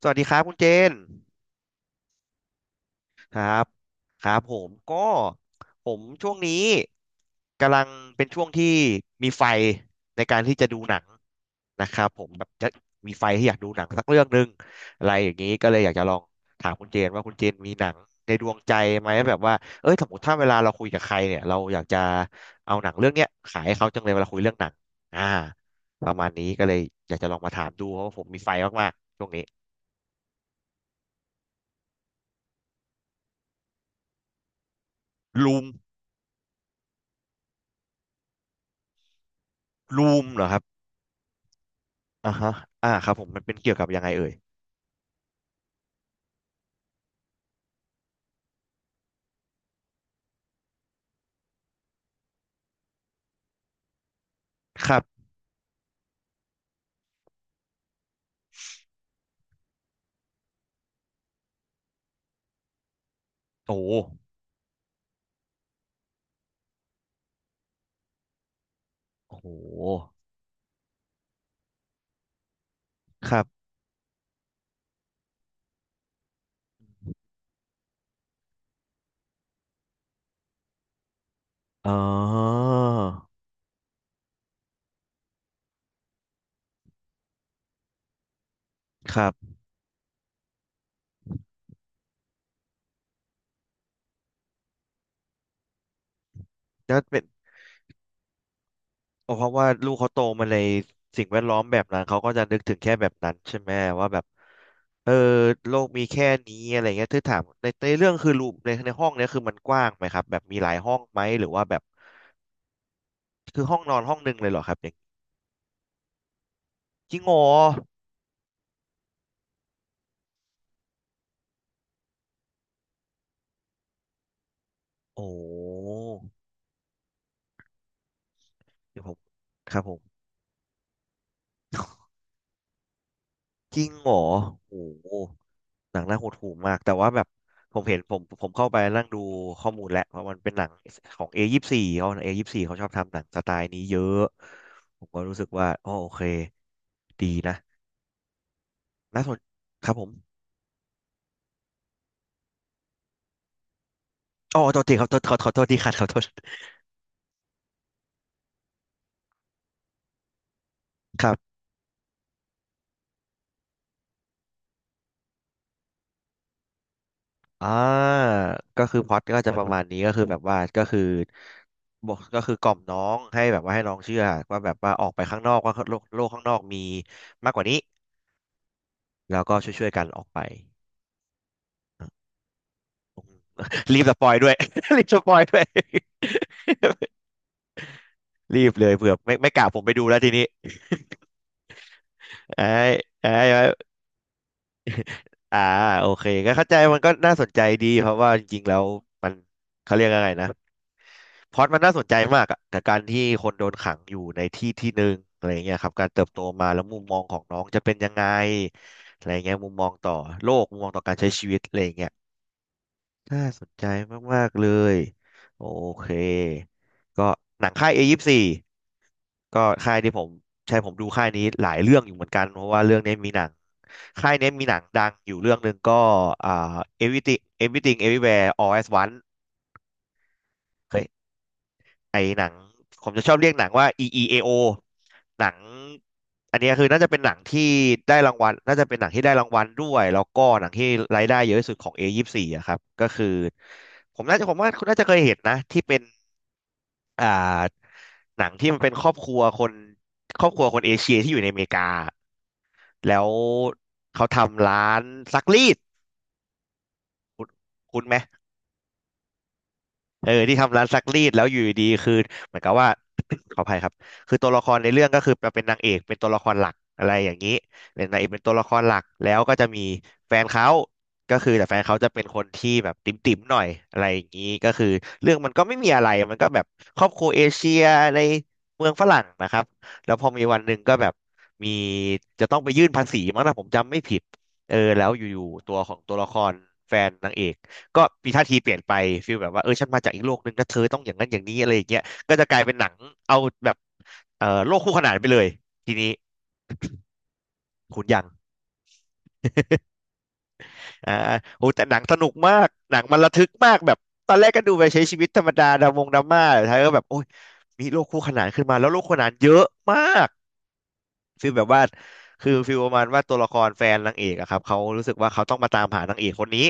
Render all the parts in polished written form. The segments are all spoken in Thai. สวัสดีครับคุณเจนครับครับผมก็ผมช่วงนี้กำลังเป็นช่วงที่มีไฟในการที่จะดูหนังนะครับผมแบบจะมีไฟที่อยากดูหนังสักเรื่องหนึ่งอะไรอย่างนี้ก็เลยอยากจะลองถามคุณเจนว่าคุณเจนมีหนังในดวงใจไหมแบบว่าเอ้ยสมมติถ้าเวลาเราคุยกับใครเนี่ยเราอยากจะเอาหนังเรื่องเนี้ยขายให้เขาจังเลยเวลาคุยเรื่องหนังอ่าประมาณนี้ก็เลยอยากจะลองมาถามดูเพราะว่าผมมีไฟมากๆช่วงนี้ลูมลูมเหรอครับ อ่าฮะอ่าครับผมมันเป็นเกี่ยวกับยังไงเอ่ยครับโอ้โหโอ้โหครับอ๋อครับแล้วเป็นอ๋อเพราะว่าลูกเขาโตมาในสิ่งแวดล้อมแบบนั้นเขาก็จะนึกถึงแค่แบบนั้นใช่ไหมว่าแบบ เออโลกมีแค่นี้อะไรเงี้ยถ้าถามในเรื่องคือรูในห้องเนี้ยคือมันกว้างไหมครับแบบมีหลายห้องไหมหรือว่าแบบคือห้องนอนห้องหนึ่งเลยเหรอครับอย่างจริงเหรอโอ้โหเดี๋ยวผมครับผมจริงเหรอโอ้โห หนังน่าหดหู่มากแต่ว่าแบบผมเห็นผมเข้าไปนั่งดูข้อมูลแหละเพราะมันเป็นหนังของ A24 เขาเอยี่สบสี่เขาชอบทำหนังสไตล์นี้เยอะผมก็รู้สึกว่าอ๋อโอเคดีนะน่าสนครับผมอ๋อโทษทีครับโทษขอขอโทษทีครับขอโทษครับอ่าก็คือพล็อตก็จะประมาณนี้ก็คือแบบว่าก็คือบอกก็คือกล่อมน้องให้แบบว่าให้น้องเชื่อว่าแบบว่าออกไปข้างนอกว่าโลกโลกข้างนอกมีมากกว่านี้แล้วก็ช่วยๆกันออกไป รีบสปอยด้วย รีบสปอยด้วย รีบเลยเผื่อไม่กล่าวผมไปดูแล้วทีนี้ไอ้ไอ้อ่าโอเคก็เข้าใจมันก็น่าสนใจดีเพราะว่าจริงๆแล้วมันเขาเรียกอะไรนะพล็อตมันน่าสนใจมากอะกับการที่คนโดนขังอยู่ในที่ที่หนึ่งอะไรเงี้ยครับการเติบโตมาแล้วมุมมองของน้องจะเป็นยังไงอะไรเงี้ยมุมมองต่อโลกมุมมองต่อการใช้ชีวิตอะไรเงี้ยน่าสนใจมากๆเลยโอเคก็หนังค่ายเอยี่สบสี่ ก็ค่ายที่ผมใช่ผมดูค่ายนี้หลายเรื่องอยู่เหมือนกันเพราะว่าเรื่องนี้มีหนังค่ายนี้มีหนังดังอยู่เรื่องหนึ่งก็อ่า Everything Everything Everywhere All at Once เคยไอหนังผมจะชอบเรียกหนังว่า EEAO หนังอันนี้คือน่าจะเป็นหนังที่ได้รางวัลน่าจะเป็นหนังที่ได้รางวัลด้วยแล้วก็หนังที่รายได้เยอะที่สุดของ A24 อยี่สิบสี่อะครับก็คือผมน่าจะผมว่าคุณน่าจะเคยเห็นนะที่เป็น อ่าหนังที่มันเป็นครอบครัวคนครอบครัวคนเอเชียที่อยู่ในอเมริกา แล้วเขาทำร้านซักรีดคุณคุณไหม เออที่ทำร้านซักรีดแล้วอยู่ดีๆคือเหมือนกับว่า ขออภัยครับคือตัวละครในเรื่องก็คือมาเป็นนางเอกเป็นตัวละครหลักอะไรอย่างนี้เป็นนางเอกเป็นตัวละครหลักแล้วก็จะมีแฟนเขาก็คือแต่แฟนเขาจะเป็นคนที่แบบติ่มๆหน่อยอะไรอย่างนี้ก็คือเรื่องมันก็ไม่มีอะไรมันก็แบบครอบครัวเอเชียในเมืองฝรั่งนะครับแล้วพอมีวันหนึ่งก็แบบมีจะต้องไปยื่นภาษีมั้งนะผมจำไม่ผิดเออแล้วอยู่ๆตัวของตัวละครแฟนนางเอก ก็มีท่าทีเปลี่ยนไปฟีลแบบว่าเออฉันมาจากอีกโลกหนึ่งนะเธอต้องอย่างนั้นอย่างนี้อะไรอย่างเงี้ยก็จะกลายเป็นหนังเอาแบบโลกคู่ขนานไปเลยทีนี้คุณยังอ่าโอ้แต่หนังสนุกมากหนังมันระทึกมากแบบตอนแรกก็ดูไปใช้ชีวิตธรรมดาดามงดราม่าแต่ท้ายก็แบบโอ้ยมีโลกคู่ขนานขึ้นมาแล้วโลกคู่ขนานเยอะมากฟีลแบบว่าคือฟีลประมาณว่าตัวละครแฟนนางเอกอะครับเขารู้สึกว่าเขาต้องมาตามหานางเอกคนนี้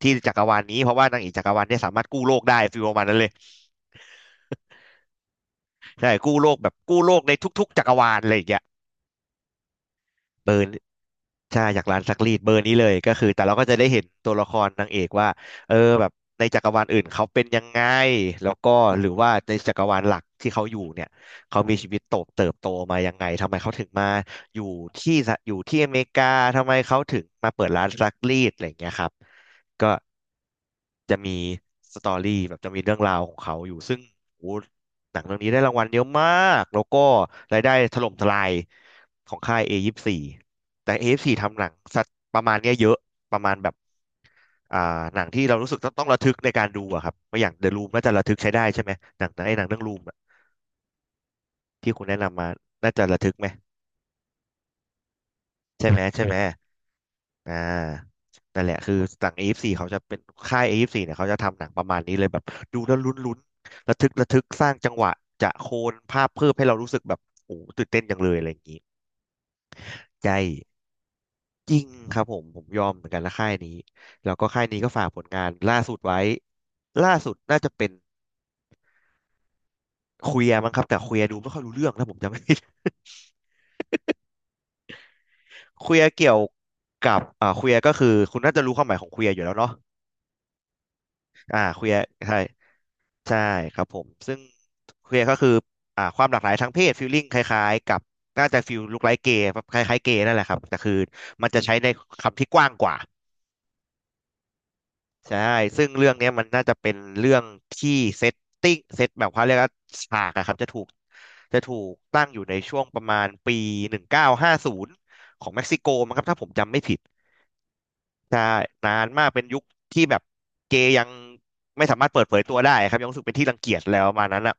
ที่จักรวาลนี้เพราะว่านางเอกจักรวาลเนี่ยสามารถกู้โลกได้ฟีลประมาณนั้นเลย ใช่กู้โลกแบบกู้โลกในทุกๆจักรวาลอะไรอย่างเงี้ยเบอร์นใช่อยากร้านซักรีดเบอร์นี้เลยก็คือแต่เราก็จะได้เห็นตัวละครนางเอกว่าเออแบบในจักรวาลอื่นเขาเป็นยังไงแล้วก็หรือว่าในจักรวาลหลักที่เขาอยู่เนี่ยเขามีชีวิตโตเติบโตมายังไงทำไมเขาถึงมาอยู่ที่สหอยู่ที่อเมริกาทำไมเขาถึงมาเปิดร้านซักรีดอะไรอย่างเงี้ยครับก็จะมีสตอรี่แบบจะมีเรื่องราวของเขาอยู่ซึ่งโอ้ หนังเรื่องนี้ได้รางวัลเยอะมาก แล้วก็รายได้ถล่มทลายของค่าย A24 แต่ A24 ทำหนังสัตว์ประมาณเนี้ยเยอะประมาณแบบอ่าหนังที่เรารู้สึกต้องระทึกในการดูอะครับไม่อย่าง The Room น่าจะระทึกใช้ได้ใช่ไหมหนังไอ้หนังเรื่อง Room อะที่คุณแนะนำมาน่าจะระทึกไหมใช่ไหมใช่ไหมอ่านั่นแหละคือหนัง A24 เขาจะเป็นค่าย A24 เนี่ยเขาจะทำหนังประมาณนี้เลยแบบดูแล้วลุ้นลุ้นระทึกระทึกสร้างจังหวะจะโคนภาพเพิ่มให้เรารู้สึกแบบโอ้โหตื่นเต้นจังเลยอะไรอย่างนี้ ใจจริงครับผม ผมยอมเหมือนกันละค่ายนี้ แล้วก็ค่ายนี้ก็ฝากผลงานล่าสุดไว้ ล่าสุดน่าจะเป็นเคลียร์มั้งครับแต่เคลียร์ดูไม่ค่อยรู้เรื่องนะผมจำไม่ ผิดเคลียร์เกี่ยวกับเคลียร์ก็คือคุณน่าจะรู้ความหมายของเคลียร์อยู่แล้วเนาะเคลียร์ใช่ใช่ครับผมซึ่งเคลียร์ก็คือความหลากหลายทางเพศฟีลลิ่งคล้ายๆกับน่าจะฟีลลุคไลค์เกย์คล้ายๆเกย์นั่นแหละครับแต่คือมันจะใช้ในคำที่กว้างกว่า ใช่ซึ่งเรื่องเนี้ยมันน่าจะเป็นเรื่องที่เซตเซตแบบเขาเรียกว่าฉากอะครับจะถูกตั้งอยู่ในช่วงประมาณปี1950ของเม็กซิโกมั้งครับถ้าผมจำไม่ผิดใช่นานมากเป็นยุคที่แบบเกย์ยังไม่สามารถเปิดเผยตัวได้ครับยังรู้สึกเป็นที่รังเกียจแล้วประมาณนั้นอะ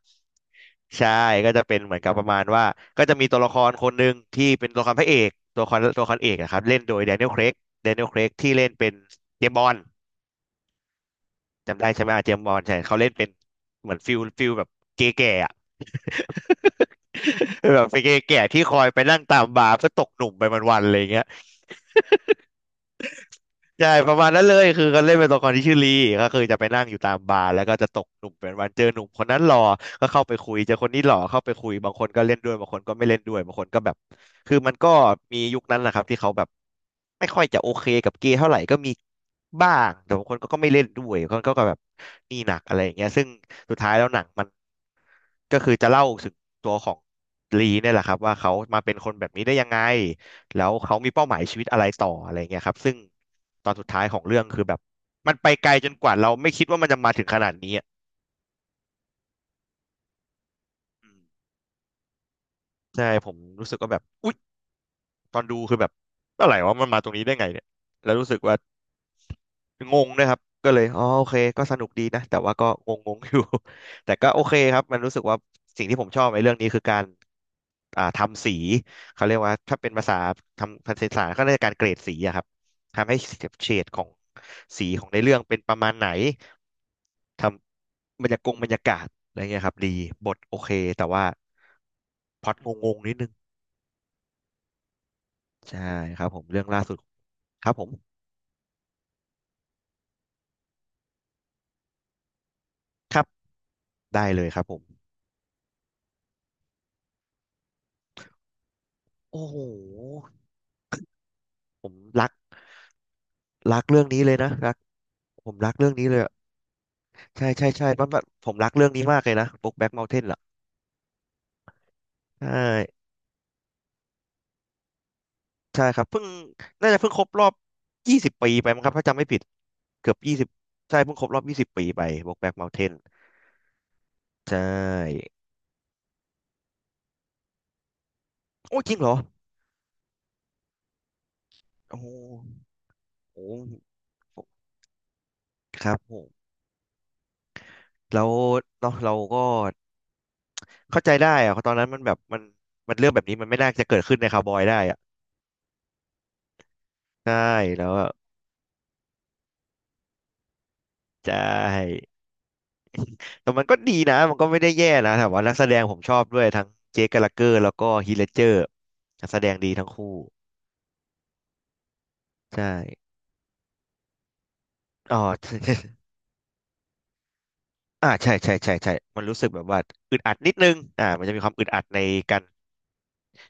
ใช่ก็จะเป็นเหมือนกับประมาณว่าก็จะมีตัวละครคนหนึ่งที่เป็นตัวละครพระเอกตัวละครเอกนะครับเล่นโดยแดเนียล c ครกแดเนียล c ครกที่เล่นเป็นเจมส์บอนด์ จำได้ใช่ไหมอาเจมส์บอนด์ใช่เขาเล่นเป็นเหมือนฟิลแบบเก๋ๆอ่ะ แบบเป็นเก๋ๆที่คอยไปนั่งตามบาร์เพื่อตกหนุ่มไปวันๆอะไรอย่างเงี้ย ใช่ประมาณนั้นเลยคือเขาเล่นเป็นตัวละครที่ชื่อลีก็คือจะไปนั่งอยู่ตามบาร์แล้วก็จะตกหนุ่มเป็นวันเจอหนุ่มคนนั้นหล่อก็เข้าไปคุยเจอคนนี้หล่อเข้าไปคุยบางคนก็เล่นด้วยบางคนก็ไม่เล่นด้วยบางคนก็แบบคือมันก็มียุคนั้นแหละครับที่เขาแบบไม่ค่อยจะโอเคกับเกย์เท่าไหร่ก็มีบ้างแต่บางคนก็ไม่เล่นด้วยบางคนก็แบบนี่หนักอะไรอย่างเงี้ยซึ่งสุดท้ายแล้วหนังมัน ก็คือจะเล่าถึงตัวของลีเนี่ยแหละครับว่าเขามาเป็นคนแบบนี้ได้ยังไงแล้วเขามีเป้าหมายชีวิตอะไรต่ออะไรเงี้ยครับซึ่งตอนสุดท้ายของเรื่องคือแบบมันไปไกลจนกว่าเราไม่คิดว่ามันจะมาถึงขนาดนี้อะอืมใช่ผมรู้สึกว่าแบบอุ๊ยตอนดูคือแบบอะไรวะมันมาตรงนี้ได้ไงเนี่ยแล้วรู้สึกว่า งงนะครับ ก็เลยอ๋อโอเคก็สนุกดีนะแต่ว่าก็งงงอยู่ แต่ก็โอเคครับมันรู้สึกว่าสิ่งที่ผมชอบในเรื่องนี้คือการทำสีเขาเรียกว่าถ้าเป็นภาษาทำภาษาศาสตร์ก็เรียกการเกรดสีอะครับทำให้เฉดของสีของในเรื่องเป็นประมาณไหนทำบรรยากงบรรยากาศอะไรเงี้ยครับดีบทโอเคแต่ว่าพล็อตงงๆนิดนึงใช่ครับผมเรื่องล่าสุดครับผมครับได้เลยครับผมโอ้โหผมรัก รักเรื่องนี้เลยนะรักผมรักเรื่องนี้เลยอะใช่ใช่ใช่ปั๊บปั๊บผมรักเรื่องนี้มากเลยนะบุ๊กแบ็กเมาน์เทนเหรอใช่ใช่ครับเพิ่งน่าจะเพิ่งครบรอบยี่สิบปีไปมั้งครับถ้าจำไม่ผิดเกือบยี่สิบใช่เพิ่งครบรอบยี่สิบปีไปบุ๊กแบ็กเมาน์เทนใช่โอ้จริงเหรอโอ้โหโอ้โหครับผมแล้วเนาะเราก็เข้าใจได้อะตอนนั้นมันแบบมันมันเรื่องแบบนี้มันไม่น่าจะเกิดขึ้นในคาวบอยได้อะใช่แล้วอะใช่ แต่มันก็ดีนะ มันก็ไม่ได้แย่นะแต่ว่านักแสดงผมชอบด้วยทั้งเจคแกลลาเกอร์แล้วก็ฮีทเลดเจอร์นักแสดงดีทั้งคู่ใช่อ๋อ ใช่ใช่ใช่ใช่มันรู้สึกแบบว่าอึดอัดนิดนึงมันจะมีความอึดอัดในการ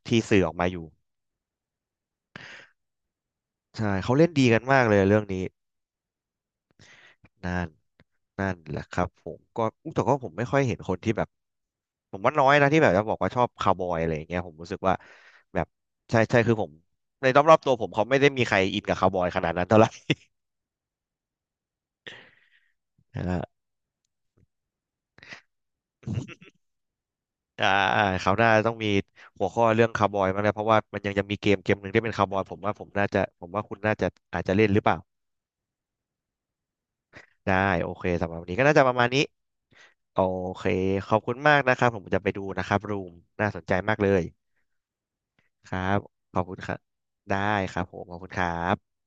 ที่สื่อออกมาอยู่ใช่เขาเล่นดีกันมากเลยเรื่องนี้นั่นนั่นแหละครับผมก็อุ๊ยแต่ก็ผมไม่ค่อยเห็นคนที่แบบผมว่าน้อยนะที่แบบจะบอกว่าชอบคาวบอยอะไรอย่างเงี้ยผมรู้สึกว่าแบบใช่ใช่คือผมในรอบๆตัวผมเขาไม่ได้มีใครอินกับคาวบอยขนาดนั้นเท่าไหร่ ใช่ อ่าคราวหน้าต้องมีหัวข้อเรื่องคาวบอยมางแล้วเพราะว่ามันยังจะมีเกมหนึ่งที่เป็นคาวบอยผมว่าผมน่าจะผมว่าคุณน่าจะอาจจะเล่นหรือเปล่าได้โอเคสำหรับวันนี้ก็น่าจะประมาณนี้โอเคขอบคุณมากนะครับผมจะไปดูนะครับรูมน่าสนใจมากเลยครับขอบคุณครับได้ครับผมขอบคุณครับ